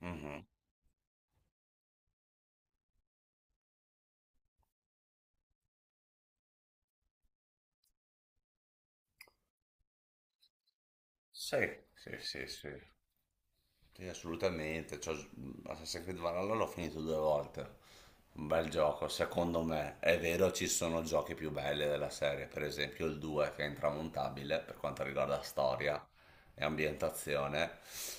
Mhm. Sì, sì, sì, sì. Sì, assolutamente. Cioè, Assassin's Creed Valhalla l'ho finito due volte. Un bel gioco, secondo me. È vero, ci sono giochi più belli della serie, per esempio il 2, che è intramontabile per quanto riguarda storia e ambientazione.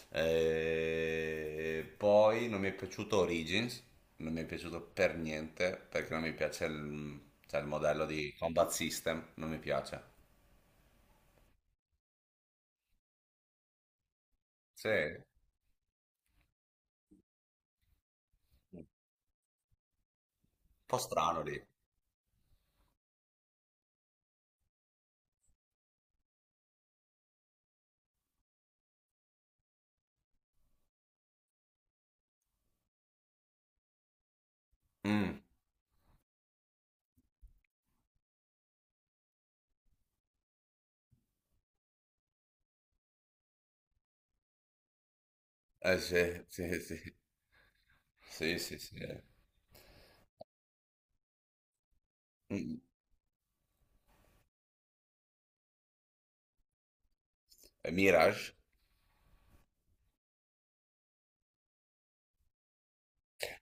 E poi non mi è piaciuto Origins, non mi è piaciuto per niente perché non mi piace cioè, il modello di combat system, non mi piace. Sì, un po' strano lì. Mm. Eh sì, sì, sì. Sì, sì, sì. Mm. E Mirage?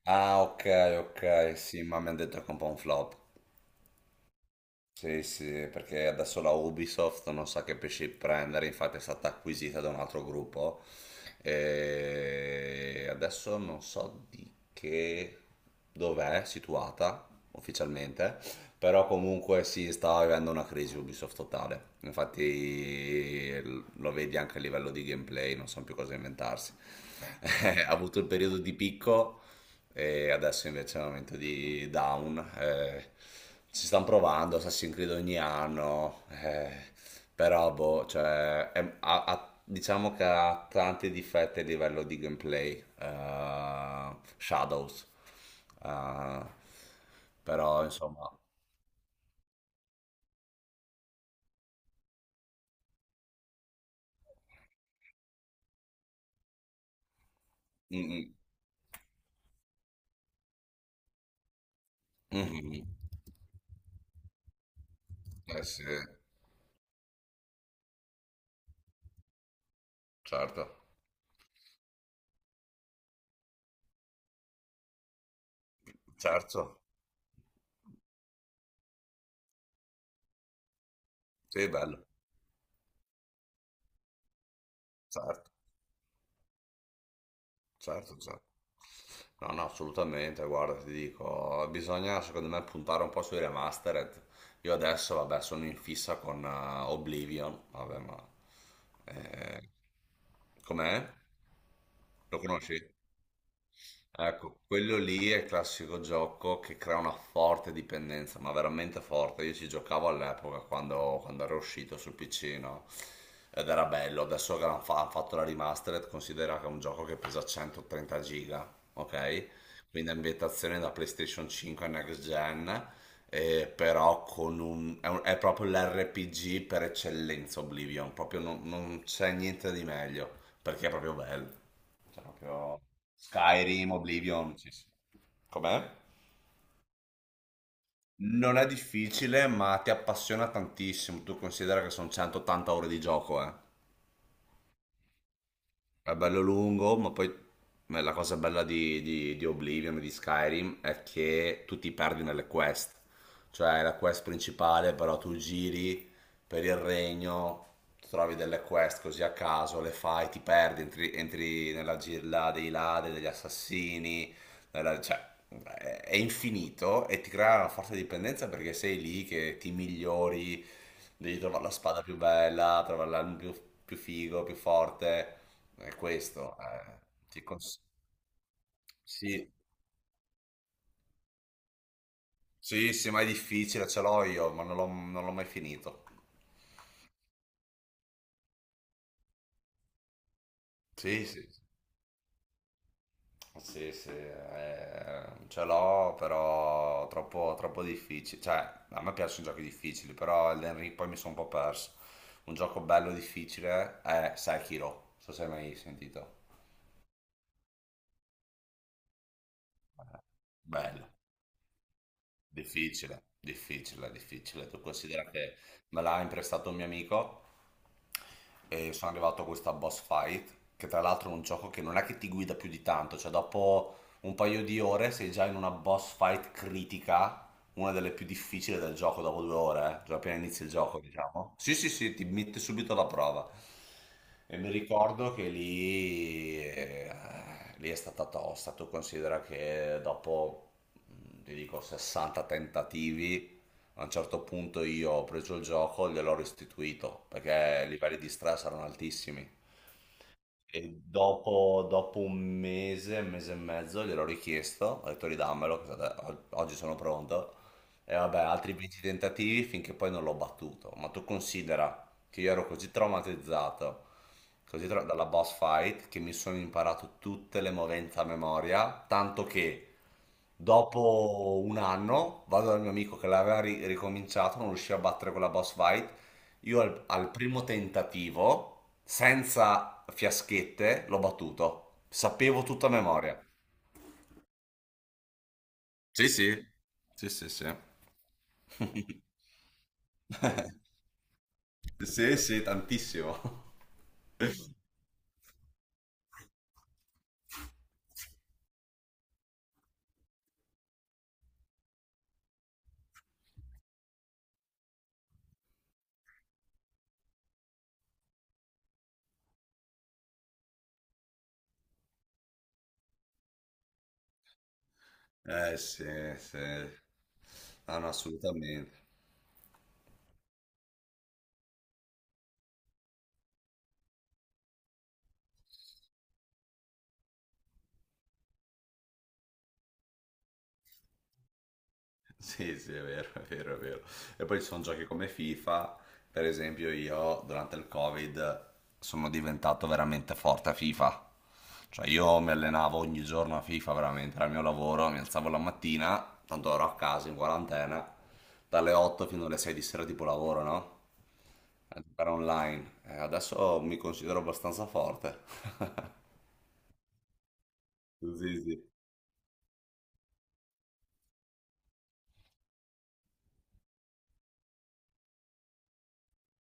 Ah, ok, ok, sì, ma mi hanno detto che è un po' un flop. Sì, sì, perché adesso la Ubisoft non sa che pesci prendere, infatti è stata acquisita da un altro gruppo e adesso non so di che dov'è situata ufficialmente, però comunque si sta vivendo una crisi Ubisoft totale. Infatti lo vedi anche a livello di gameplay, non sanno più cosa inventarsi. Ha avuto il periodo di picco e adesso invece è il momento di Down. Ci stanno provando Assassin's Creed ogni anno, però boh, cioè, diciamo che ha tanti difetti a livello di gameplay, Shadows, eh, però insomma. Mm, mm, mm, mm, mm. Eh sì, certo, certo, sì, bello, certo, certo, certo. No, no, assolutamente, guarda, ti dico, bisogna secondo me puntare un po' sui remastered. Io adesso, vabbè, sono in fissa con Oblivion, vabbè, ma. eh, Com'è? Lo conosci? Ecco, quello lì è il classico gioco che crea una forte dipendenza, ma veramente forte. Io ci giocavo all'epoca quando era uscito sul PC, no? Ed era bello. Adesso che hanno fatto la remastered, considera che è un gioco che pesa 130 giga, ok? Quindi è ambientazione da PlayStation 5 e Next Gen, però con un- è proprio l'RPG per eccellenza Oblivion, proprio non c'è niente di meglio, perché è proprio bello. Cioè, proprio Skyrim, Oblivion, sì, sì. Com'è? Non è difficile, ma ti appassiona tantissimo. Tu considera che sono 180 ore di gioco, eh. È bello lungo, ma la cosa bella di Oblivion e di Skyrim è che tu ti perdi nelle quest. Cioè, la quest principale, però tu giri per il regno, trovi delle quest così a caso, le fai, ti perdi, entri nella gilla dei ladri, degli assassini, cioè, è infinito e ti crea una forte dipendenza perché sei lì che ti migliori, devi trovare la spada più bella, trovare l'arma più figo, più forte. È questo, ti cons- sì, sì, sì, ma è difficile, ce l'ho io, ma non l'ho mai finito. Sì, sì, sì, sì, ce l'ho, però troppo, troppo difficile. Cioè, a me piacciono i giochi difficili, però Elden Ring poi mi sono un po' perso. Un gioco bello difficile è Sekiro, non so se hai mai sentito. Bello. Difficile, difficile, difficile. Tu considera che me l'ha imprestato un mio amico e sono arrivato a questa boss fight, che tra l'altro è un gioco che non è che ti guida più di tanto, cioè dopo un paio di ore sei già in una boss fight critica, una delle più difficili del gioco dopo 2 ore, già appena inizia il gioco, diciamo. Sì, sì, sì, ti mette subito alla prova. E mi ricordo che lì è stata tosta. Tu considera che dopo, ti dico, 60 tentativi, a un certo punto io ho preso il gioco e gliel'ho restituito, perché i livelli di stress erano altissimi. E dopo un mese e mezzo gliel'ho richiesto, ho detto ridammelo, che oggi sono pronto. E vabbè, altri 20 tentativi finché poi non l'ho battuto. Ma tu considera che io ero così traumatizzato, dalla boss fight, che mi sono imparato tutte le movenze a memoria, tanto che dopo un anno vado dal mio amico che l'aveva ricominciato, non riusciva a battere quella boss fight, io al primo tentativo, senza fiaschette, l'ho battuto. Sapevo tutta a memoria. Sì, sì, sì, sì, sì. Sì, sì, tantissimo. Eh sì, sì, no, no, assolutamente. Sì, sì, è vero, è vero, è vero. E poi ci sono giochi come FIFA, per esempio io durante il Covid sono diventato veramente forte a FIFA. Cioè io mi allenavo ogni giorno a FIFA veramente, era il mio lavoro, mi alzavo la mattina, tanto ero a casa in quarantena, dalle 8 fino alle 6 di sera tipo lavoro, no? A giocare online. Adesso mi considero abbastanza forte. Sì, sì.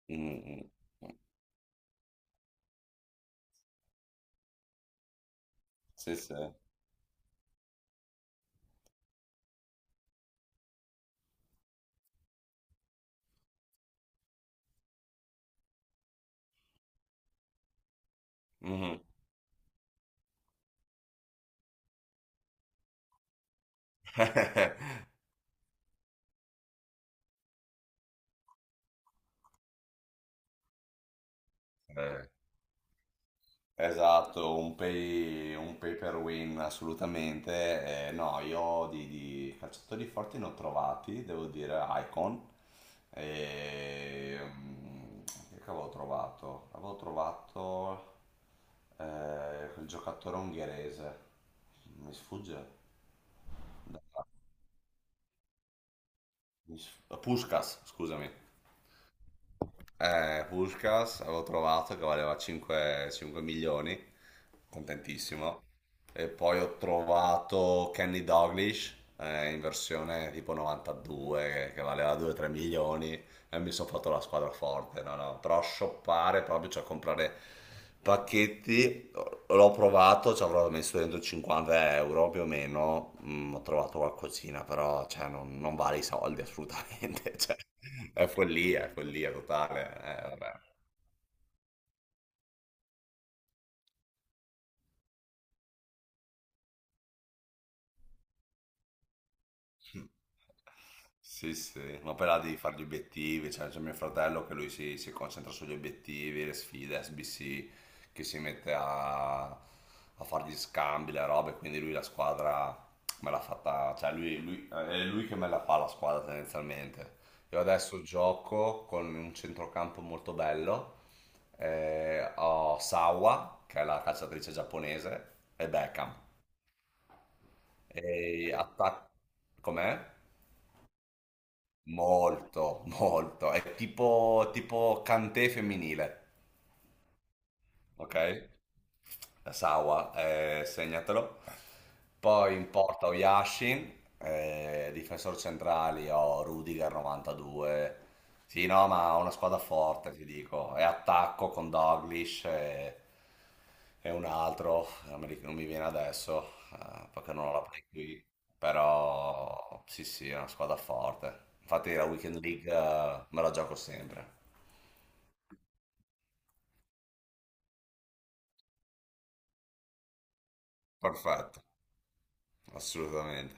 Mm, mm. Sì, sì. Mhm. Eh, Esatto, un pay per win assolutamente. No, io di calciatori forti ne ho trovati, devo dire Icon. E, che avevo trovato? Avevo trovato quel giocatore ungherese, mi sfugge. Da- Puskás, scusami. Puskás avevo trovato che valeva 5 milioni, contentissimo. E poi ho trovato Kenny Doglish in versione tipo 92 che valeva 2-3 milioni e mi sono fatto la squadra forte, no, no, però shoppare proprio, cioè comprare pacchetti, l'ho provato, ci avrò messo dentro 50 euro più o meno, ho trovato qualcosina, però cioè, non vale i soldi assolutamente, cioè, è follia totale, vabbè. Sì, sì, ma poi là devi fare gli obiettivi, cioè c'è mio fratello che lui si concentra sugli obiettivi, le sfide SBC, che si mette a fare gli scambi, le robe, quindi lui la squadra me l'ha fatta, cioè è lui che me la fa la squadra tendenzialmente. Io adesso gioco con un centrocampo molto bello, ho Sawa, che è la calciatrice giapponese, e Beckham, e attacco. Com'è? Molto, molto. È tipo Kanté femminile, ok? Sawa, segnatelo. Poi in porta ho Yashin, difensori centrali ho Rudiger 92. Sì, no, ma ho una squadra forte, ti dico. E attacco con Doglish e un altro, non mi viene adesso, perché non ho la play qui. Però sì, sì, è una squadra forte. Infatti la Weekend League me la gioco sempre. Perfetto, assolutamente.